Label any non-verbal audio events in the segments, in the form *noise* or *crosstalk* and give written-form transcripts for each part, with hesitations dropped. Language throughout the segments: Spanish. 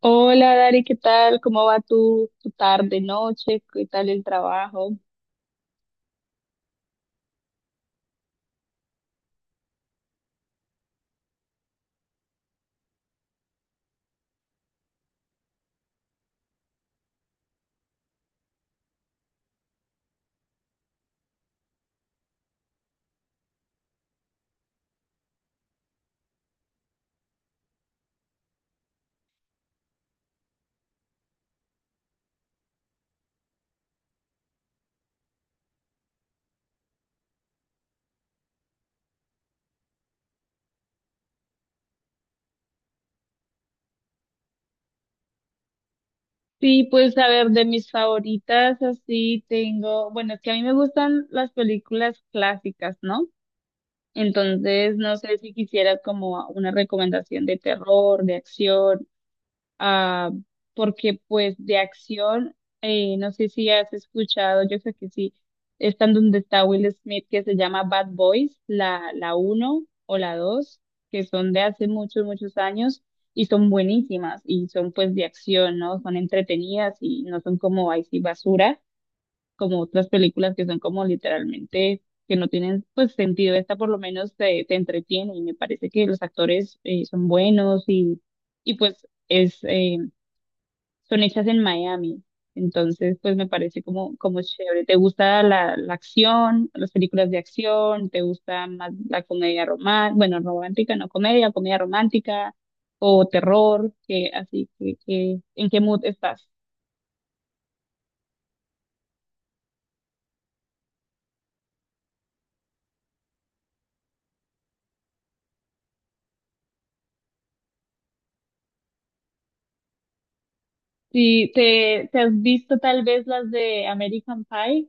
Hola Dari, ¿qué tal? ¿Cómo va tu tarde, noche? ¿Qué tal el trabajo? Sí, pues a ver, de mis favoritas así tengo, bueno, es que a mí me gustan las películas clásicas, ¿no? Entonces, no sé si quisieras como una recomendación de terror, de acción. ah, Porque pues de acción, no sé si has escuchado, yo creo que sí, están donde está Will Smith, que se llama Bad Boys, la uno o la dos, que son de hace muchos, muchos años, y son buenísimas y son pues de acción, ¿no? Son entretenidas y no son como ahí sí basura, como otras películas que son como literalmente, que no tienen pues sentido. Esta por lo menos te entretiene y me parece que los actores son buenos y, pues es, son hechas en Miami. Entonces, pues me parece como chévere. ¿Te gusta la acción, las películas de acción? ¿Te gusta más la comedia romántica? Bueno, romántica, no comedia, comedia romántica o terror, que así, ¿en qué mood estás? Sí, te has visto tal vez las de American Pie.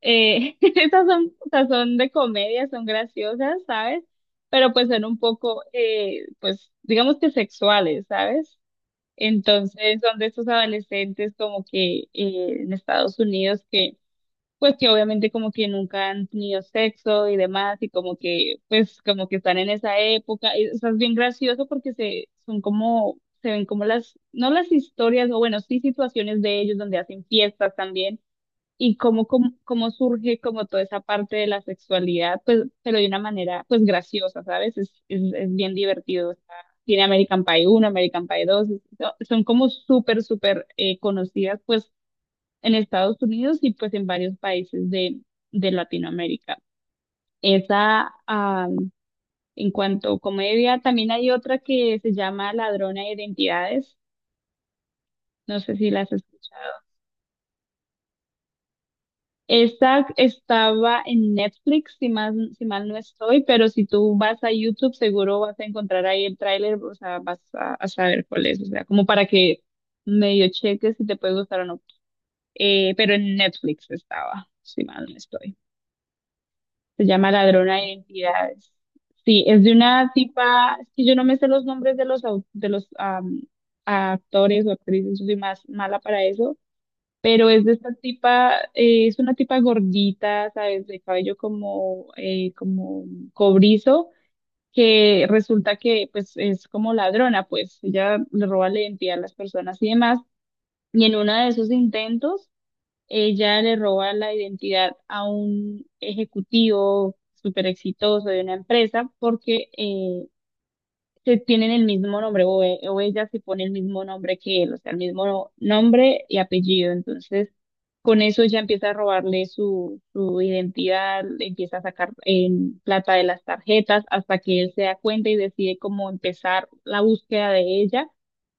*laughs* Esas son, o sea, son de comedia, son graciosas, ¿sabes? Pero pues son un poco, pues digamos que sexuales, ¿sabes? Entonces son de estos adolescentes como que en Estados Unidos, que pues que obviamente como que nunca han tenido sexo y demás, y como que pues como que están en esa época. Y, o sea, es bien gracioso porque se son como se ven como las no las historias, o bueno, sí situaciones de ellos donde hacen fiestas también, y cómo surge como toda esa parte de la sexualidad, pues, pero de una manera pues graciosa, ¿sabes? Es bien divertido. O sea, tiene American Pie uno, American Pie dos, son como súper, súper conocidas pues en Estados Unidos y pues en varios países de Latinoamérica. Esa, en cuanto a comedia, también hay otra que se llama Ladrona de Identidades. No sé si las escuchas. Esa estaba en Netflix, si mal no estoy, pero si tú vas a YouTube seguro vas a encontrar ahí el tráiler, o sea, vas a saber cuál es, o sea, como para que medio cheques si te puede gustar o no. Pero en Netflix estaba, si mal no estoy. Se llama Ladrona de Identidades. Sí, es de una tipa, es que yo no me sé los nombres de los, de los actores o actrices, yo soy más mala para eso, pero es de esta tipa, es una tipa gordita, ¿sabes? De cabello como, como cobrizo, que resulta que pues es como ladrona, pues ella le roba la identidad a las personas y demás, y en uno de esos intentos, ella le roba la identidad a un ejecutivo súper exitoso de una empresa porque se tienen el mismo nombre, o, o ella se pone el mismo nombre que él, o sea, el mismo nombre y apellido. Entonces, con eso ya empieza a robarle su, identidad, le empieza a sacar plata de las tarjetas, hasta que él se da cuenta y decide cómo empezar la búsqueda de ella,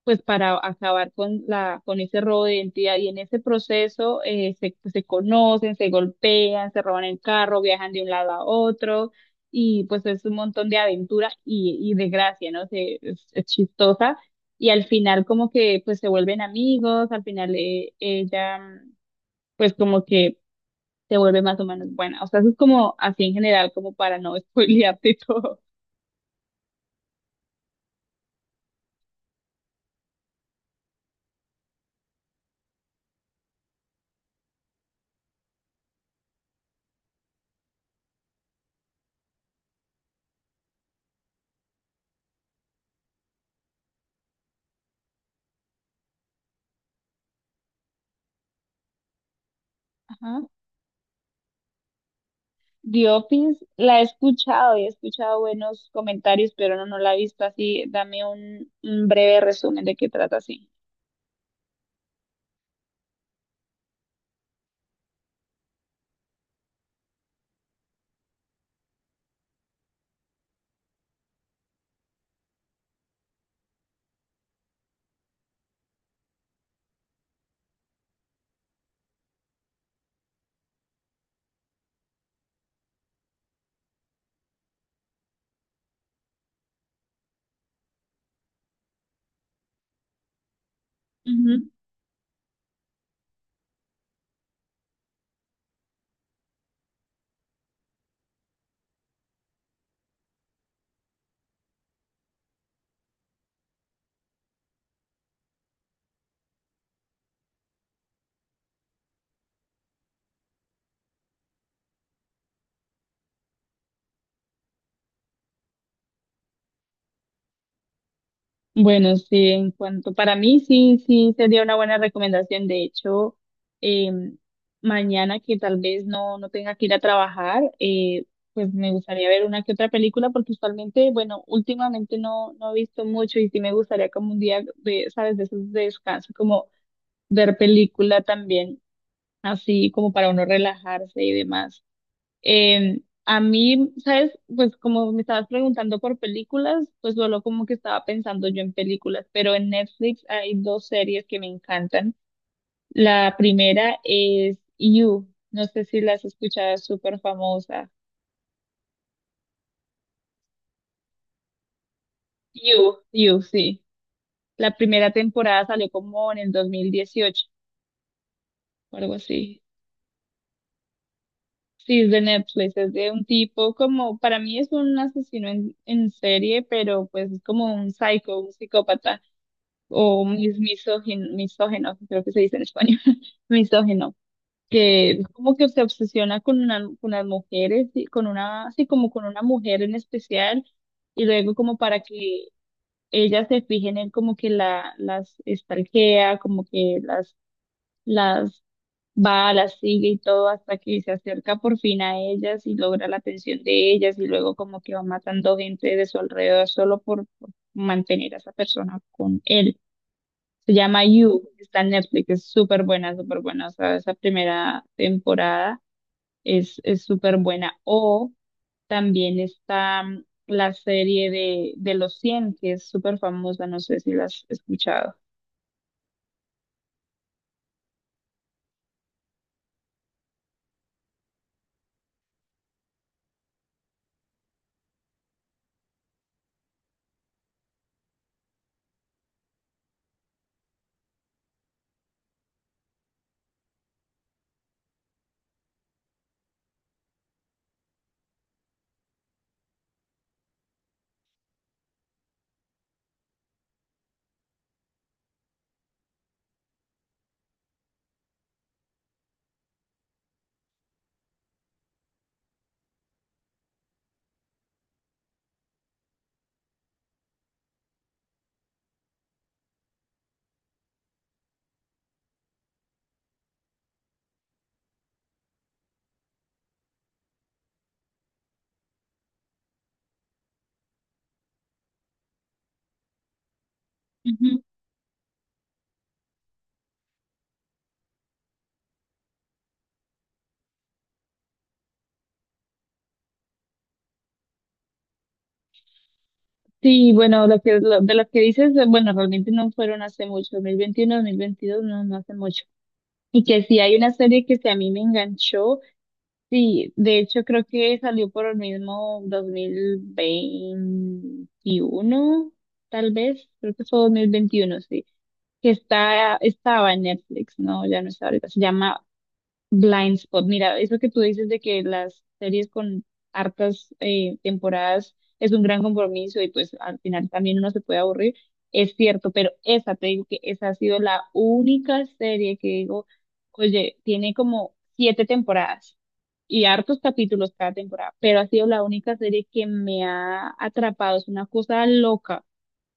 pues para acabar con ese robo de identidad. Y en ese proceso se conocen, se golpean, se roban el carro, viajan de un lado a otro, y pues es un montón de aventura y de gracia, ¿no? Se, es chistosa, y al final como que pues se vuelven amigos. Al final ella pues como que te vuelve más o menos buena. O sea, eso es como así en general, como para no spoilearte *laughs* todo. Ajá. The Office la he escuchado y he escuchado buenos comentarios, pero no la he visto así. Dame un breve resumen de qué trata así. Bueno, sí, en cuanto para mí, sí, sí, sería una buena recomendación. De hecho, eh, mañana que tal vez no tenga que ir a trabajar, pues me gustaría ver una que otra película, porque usualmente, bueno, últimamente no he visto mucho, y sí me gustaría como un día de, ¿sabes? De esos de descanso, como ver película también, así como para uno relajarse y demás. A mí, ¿sabes? Pues como me estabas preguntando por películas, pues solo como que estaba pensando yo en películas, pero en Netflix hay dos series que me encantan. La primera es You, no sé si la has escuchado, es súper famosa. You, You, sí. La primera temporada salió como en el 2018 o algo así. Sí, es de Netflix, es de un tipo como, para mí es un asesino en, serie, pero pues es como un psycho, un psicópata. O misógino, misógeno, creo que se dice en español, *laughs* misógeno, que como que se obsesiona con una, con las mujeres, y con una, así como con una mujer en especial, y luego, como para que ellas se fijen en él, como que las estalquea, como que las va, las sigue y todo, hasta que se acerca por fin a ellas y logra la atención de ellas, y luego como que va matando gente de su alrededor solo por mantener a esa persona con él. Se llama You, está en Netflix, es súper buena, súper buena. O sea, esa primera temporada es, súper buena. O también está la serie de Los cien, que es súper famosa, no sé si la has escuchado. Ujú. Sí, bueno, de lo que dices, bueno, realmente no fueron hace mucho, dos mil veintiuno, 2022, no hace mucho. Y que sí hay una serie que sí a mí me enganchó. Sí, de hecho creo que salió por el mismo 2021, tal vez, creo que fue 2021, sí, que estaba en Netflix, no, ya no está ahorita, se llama Blind Spot. Mira, eso que tú dices de que las series con hartas temporadas es un gran compromiso, y pues al final también uno se puede aburrir, es cierto, pero esa, te digo que esa ha sido la única serie que digo, oye, tiene como siete temporadas y hartos capítulos cada temporada, pero ha sido la única serie que me ha atrapado, es una cosa loca,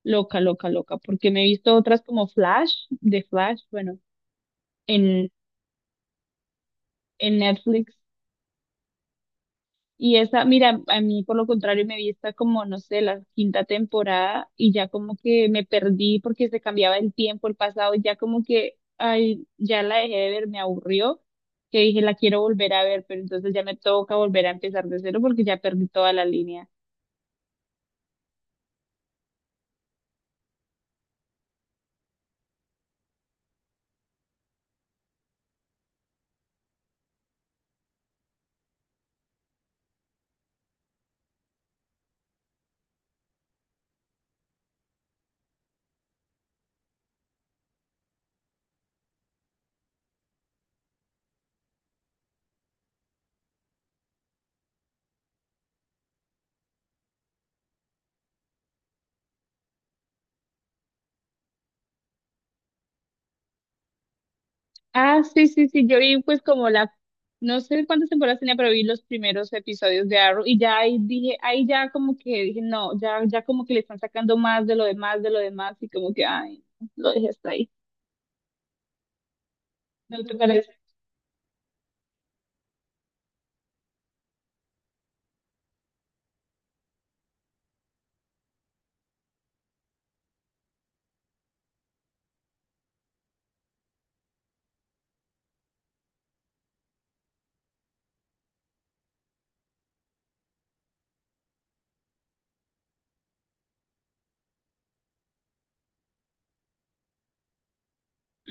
loca, loca, loca, porque me he visto otras como Flash, de Flash, bueno, en, en Netflix. Y esa, mira, a mí por lo contrario me vi esta como, no sé, la quinta temporada, y ya como que me perdí porque se cambiaba el tiempo, el pasado, y ya como que, ay, ya la dejé de ver, me aburrió, que dije, la quiero volver a ver, pero entonces ya me toca volver a empezar de cero porque ya perdí toda la línea. Ah, sí, sí, sí, yo vi pues como la, no sé cuántas temporadas tenía, pero vi los primeros episodios de Arrow, y ya ahí dije, ahí ya como que dije, no, ya, como que le están sacando más de lo demás, de lo demás, y como que, ay, no, lo dejé hasta ahí. ¿No te parece?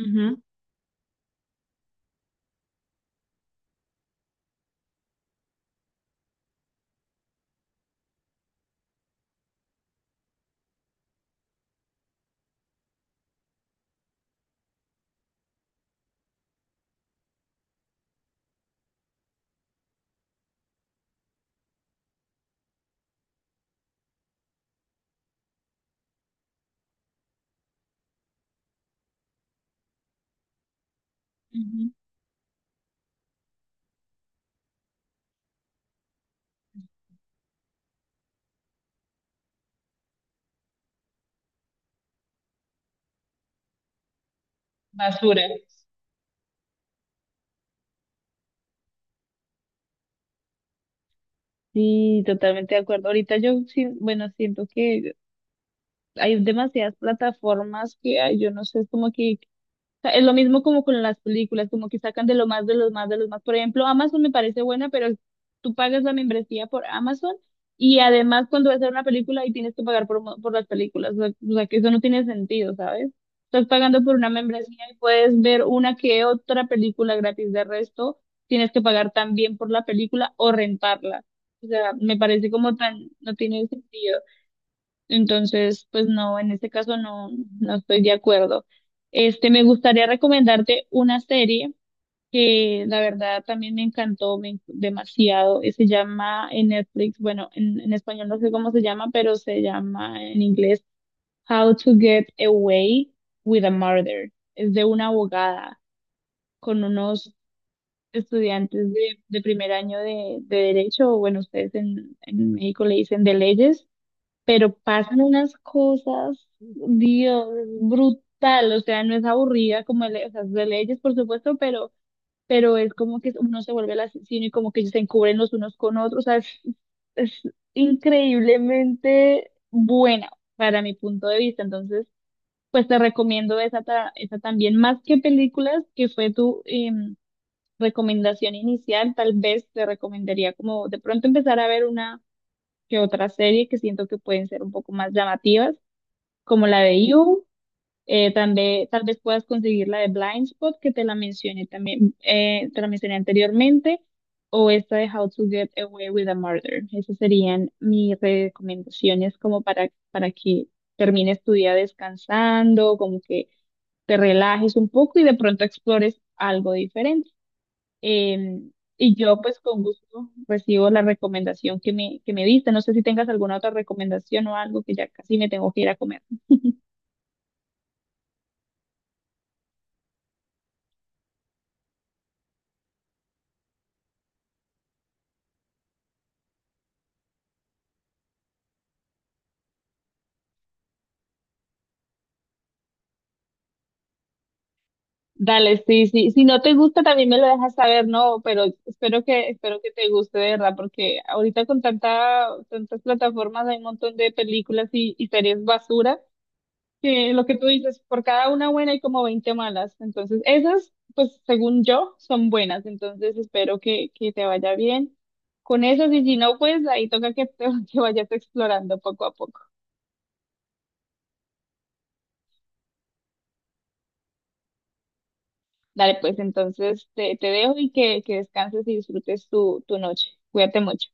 Ujú, ujú. Basura. Sí, totalmente de acuerdo. Ahorita yo, sí, bueno, siento que hay demasiadas plataformas que hay, yo no sé, es como que sea, es lo mismo como con las películas, como que sacan de lo más, de los más, de los más. Por ejemplo, Amazon me parece buena, pero tú pagas la membresía por Amazon, y además cuando vas a ver una película y tienes que pagar por las películas. O sea, que eso no tiene sentido, ¿sabes? Estás pagando por una membresía y puedes ver una que otra película gratis. De resto, tienes que pagar también por la película o rentarla. O sea, me parece como tan, no tiene sentido. Entonces, pues no, en este caso no, estoy de acuerdo. Este, me gustaría recomendarte una serie que la verdad también me encantó demasiado. Y se llama en Netflix, bueno, en español no sé cómo se llama, pero se llama en inglés How to Get Away with a Murder. Es de una abogada con unos estudiantes de, primer año de derecho, o bueno, ustedes en México le dicen de leyes, pero pasan unas cosas, Dios, es brutal, o sea, no es aburrida como, de, o sea, es de leyes, por supuesto, pero, es como que uno se vuelve el asesino y como que se encubren los unos con otros, o sea, es increíblemente buena para mi punto de vista. Entonces, pues te recomiendo esa, esa también. Más que películas, que fue tu recomendación inicial, tal vez te recomendaría como de pronto empezar a ver una que otra serie que siento que pueden ser un poco más llamativas, como la de You. Tal vez, puedas conseguir la de Blind Spot, que te la mencioné también, te la mencioné anteriormente, o esta de How to Get Away with a Murder. Esas serían mis recomendaciones como para, que termines tu día descansando, como que te relajes un poco y de pronto explores algo diferente. Em, y yo pues con gusto recibo la recomendación que me diste. No sé si tengas alguna otra recomendación o algo, que ya casi me tengo que ir a comer. Dale, sí, sí. Si no te gusta, también me lo dejas saber, ¿no? Pero espero que, te guste, de verdad, porque ahorita con tanta, tantas plataformas hay un montón de películas y series basura, que lo que tú dices, por cada una buena hay como 20 malas. Entonces, esas, pues según yo, son buenas. Entonces, espero que te vaya bien con esas. Y si no, pues ahí toca *laughs* que vayas explorando poco a poco. Dale, pues entonces te, dejo, y que descanses y disfrutes tu, noche. Cuídate mucho.